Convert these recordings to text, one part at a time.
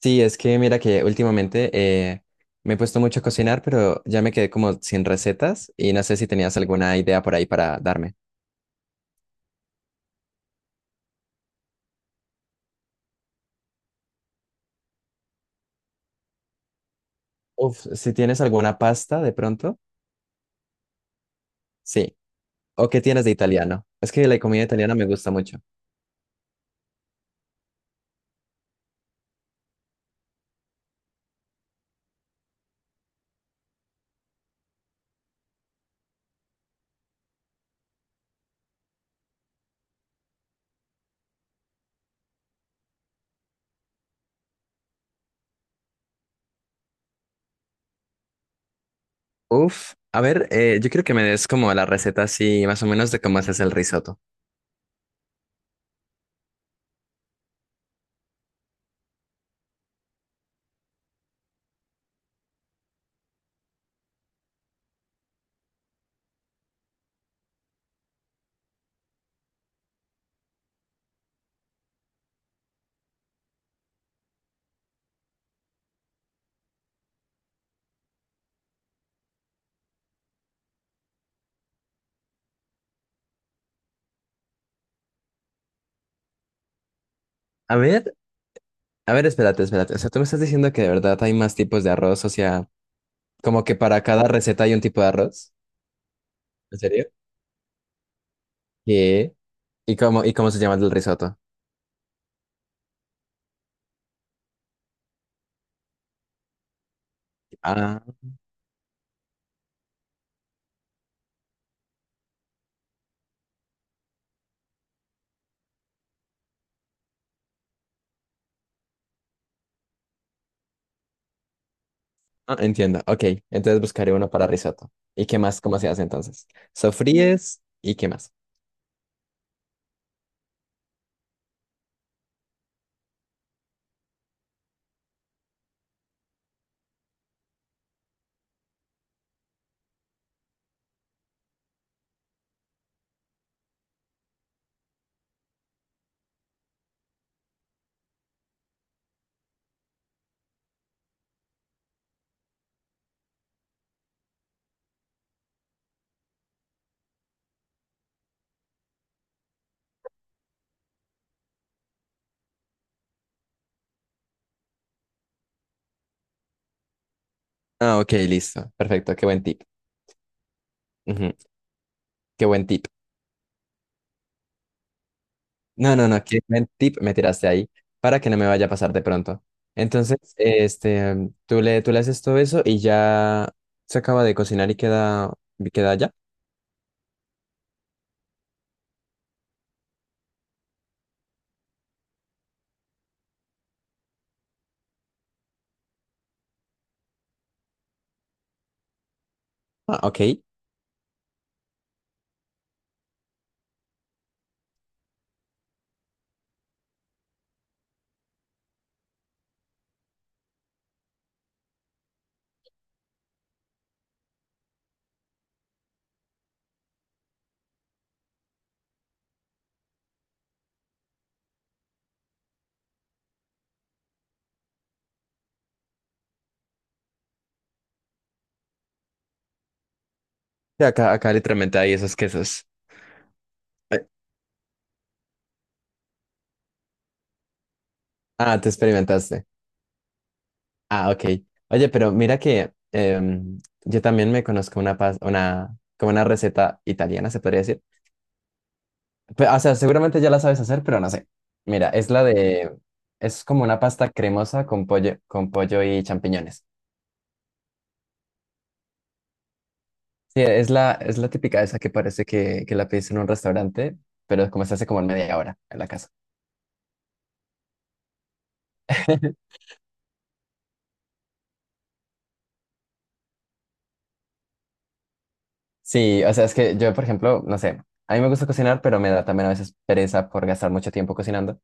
Sí, es que mira que últimamente me he puesto mucho a cocinar, pero ya me quedé como sin recetas y no sé si tenías alguna idea por ahí para darme. Uf, si tienes alguna pasta de pronto, sí. ¿O qué tienes de italiano? Es que la comida italiana me gusta mucho. Uf, a ver, yo quiero que me des como la receta así, más o menos de cómo haces el risotto. A ver, a ver, espérate, espérate. O sea, tú me estás diciendo que de verdad hay más tipos de arroz, o sea, como que para cada receta hay un tipo de arroz. ¿En serio? ¿Qué? Y cómo se llama el risotto? Ah, ah, entiendo. Ok, entonces buscaré uno para risotto. ¿Y qué más? ¿Cómo se hace entonces? Sofríes y qué más. Ah, ok, listo. Perfecto, qué buen tip. Ujú, qué buen tip. No, no, no, qué buen tip me tiraste ahí para que no me vaya a pasar de pronto. Entonces, este, tú le haces todo eso y ya se acaba de cocinar y queda ya. Ah, ok. Sí. Acá, acá literalmente hay esos quesos. Eh, Ah, te experimentaste. Ah, ok. Oye, pero mira que yo también me conozco una, pas- una, como una receta italiana, se podría decir. Pe- o sea, seguramente ya la sabes hacer, pero no sé. Mira, es la de, es como una pasta cremosa con pollo y champiñones. Sí, e, es la típica esa que parece que la pides en un restaurante, pero como se hace como en media hora en la casa. Sí, o sea, es que yo, por ejemplo, no sé, a mí me gusta cocinar, pero me da también a veces pereza por gastar mucho tiempo cocinando.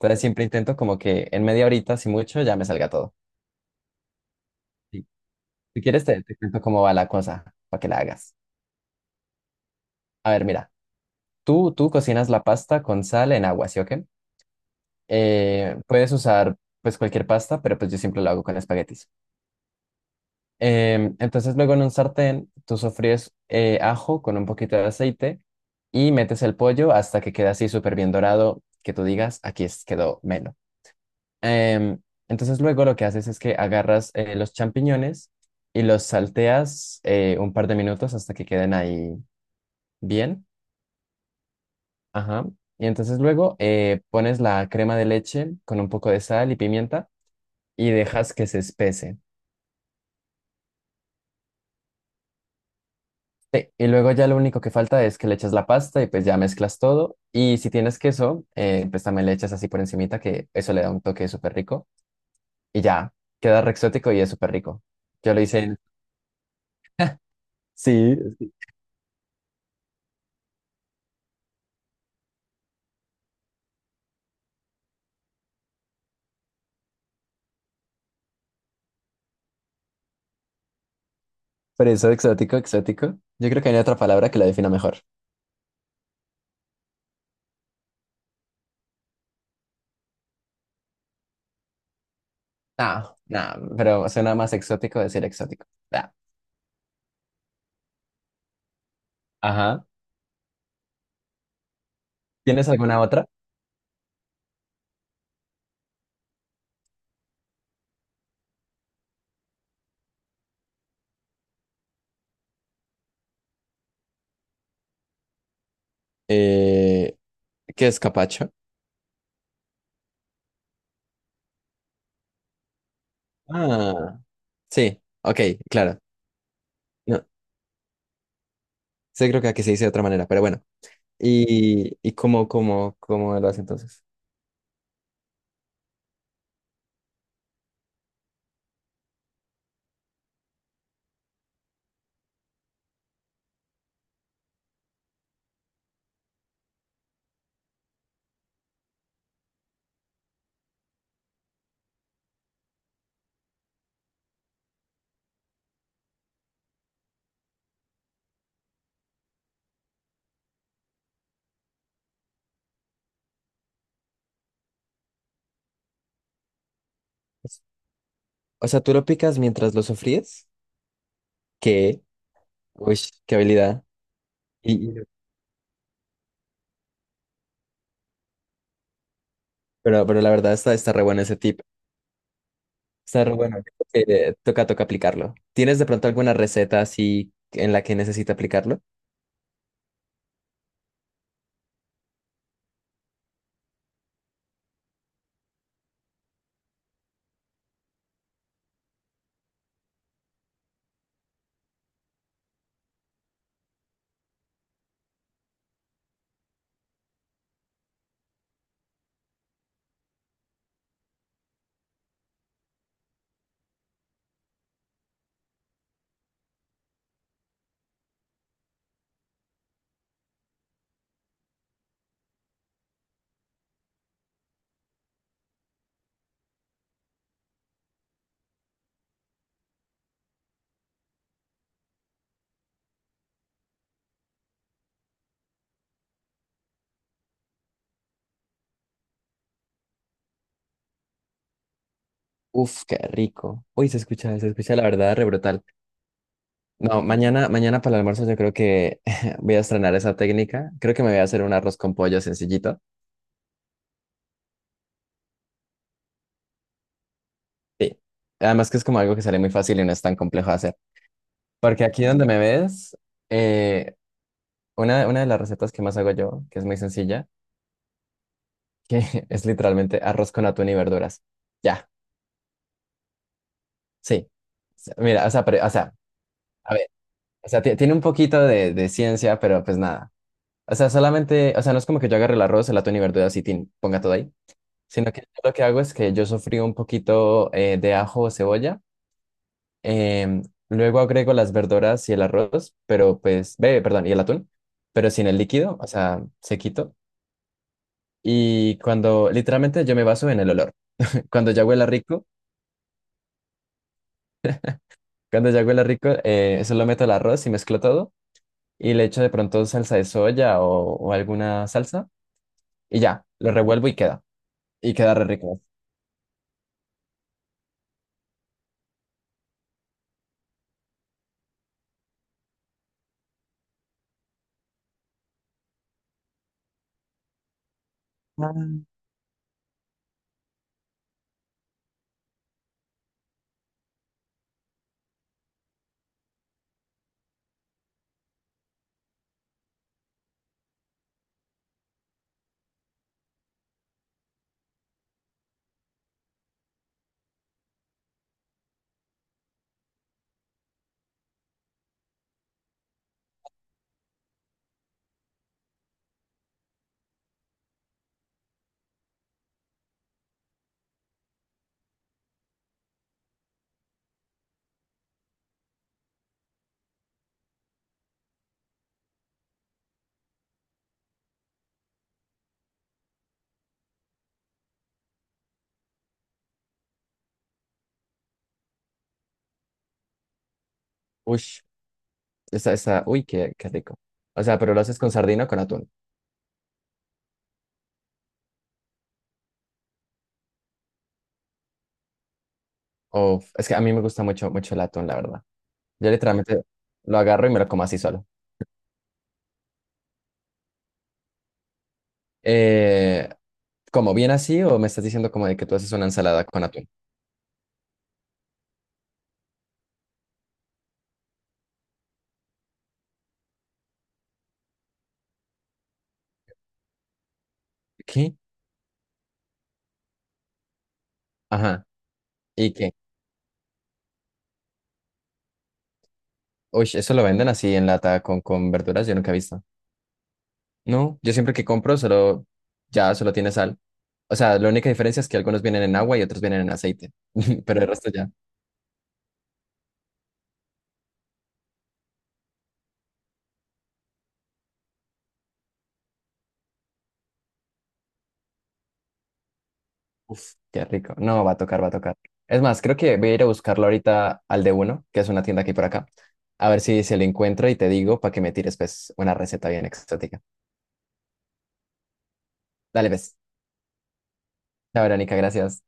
Entonces siempre intento como que en media horita, si mucho, ya me salga todo. Sí. Si quieres, te cuento cómo va la cosa para que la hagas. A ver, mira, tú cocinas la pasta con sal en agua, ¿sí o qué? Puedes usar pues cualquier pasta, pero pues yo siempre lo hago con espaguetis. Entonces luego en un sartén tú sofríes ajo con un poquito de aceite y metes el pollo hasta que queda así súper bien dorado, que tú digas, aquí es- quedó melo. Em, entonces luego lo que haces es que agarras los champiñones y los salteas un par de minutos hasta que queden ahí bien. Ajá. Y entonces luego pones la crema de leche con un poco de sal y pimienta y dejas que se espese. Sí, y luego ya lo único que falta es que le eches la pasta y pues ya mezclas todo. Y si tienes queso, pues también le echas así por encimita, que eso le da un toque súper rico. Y ya, queda re exótico y es súper rico. Yo lo hice en... Sí, sí, por eso exótico, exótico. Yo creo que hay otra palabra que lo defina mejor. Ah no, pero suena más exótico decir exótico. Ah, ajá. ¿Tienes alguna otra? Eh, ¿Qué es capacho? Ah, sí, ok, claro. No, sí creo que aquí se dice de otra manera, pero bueno. Y cómo, cómo, cómo lo hace entonces? O sea, tú lo picas mientras lo sofríes. ¿Qué? Uy, qué habilidad. Y, y- pero la verdad está, está re bueno ese tip. Está re bueno. Toca, toca aplicarlo. ¿Tienes de pronto alguna receta así en la que necesite aplicarlo? Uf, qué rico. Uy, se escucha la verdad re brutal. No, mañana, mañana para el almuerzo yo creo que voy a estrenar esa técnica. Creo que me voy a hacer un arroz con pollo sencillito. Sí. Además que es como algo que sale muy fácil y no es tan complejo de hacer. Porque aquí donde me ves, eh, una de las recetas que más hago yo, que es muy sencilla, que es literalmente arroz con atún y verduras. Ya, sí. O sea, mira, o sea, pero- o sea, a ver, o sea, ti- tiene un poquito de ciencia, pero pues nada. O sea, solamente, o sea, no es como que yo agarre el arroz, el atún y verduras y tin, ponga todo ahí, sino que yo lo que hago es que yo sofrío un poquito de ajo o cebolla, em, luego agrego las verduras y el arroz, pero pues, ve, perdón, y el atún, pero sin el líquido, o sea, sequito. Y cuando, literalmente yo me baso en el olor. Cuando ya huela rico, cuando ya huela rico, solo meto el arroz y mezclo todo y le echo de pronto salsa de soya o alguna salsa y ya, lo revuelvo y queda. Y queda re rico. Ah. Ush, esa, uy, qué, qué rico. O sea, pero lo haces con sardina o con atún. O, es que a mí me gusta mucho, mucho el atún, la verdad. Yo literalmente lo agarro y me lo como así solo. Eh, ¿Como bien así o me estás diciendo como de que tú haces una ensalada con atún? ¿Qué? Ajá. ¿Y qué? Uy, eso lo venden así en lata con verduras, yo nunca he visto. No, yo siempre que compro solo, ya solo tiene sal. O sea, la única diferencia es que algunos vienen en agua y otros vienen en aceite. Pero el resto ya. Uf, qué rico. No, va a tocar, va a tocar. Es más, creo que voy a ir a buscarlo ahorita al de uno, que es una tienda aquí por acá. A ver si se lo encuentro y te digo para que me tires pues una receta bien exótica. Dale, pues. Chao, Verónica, gracias.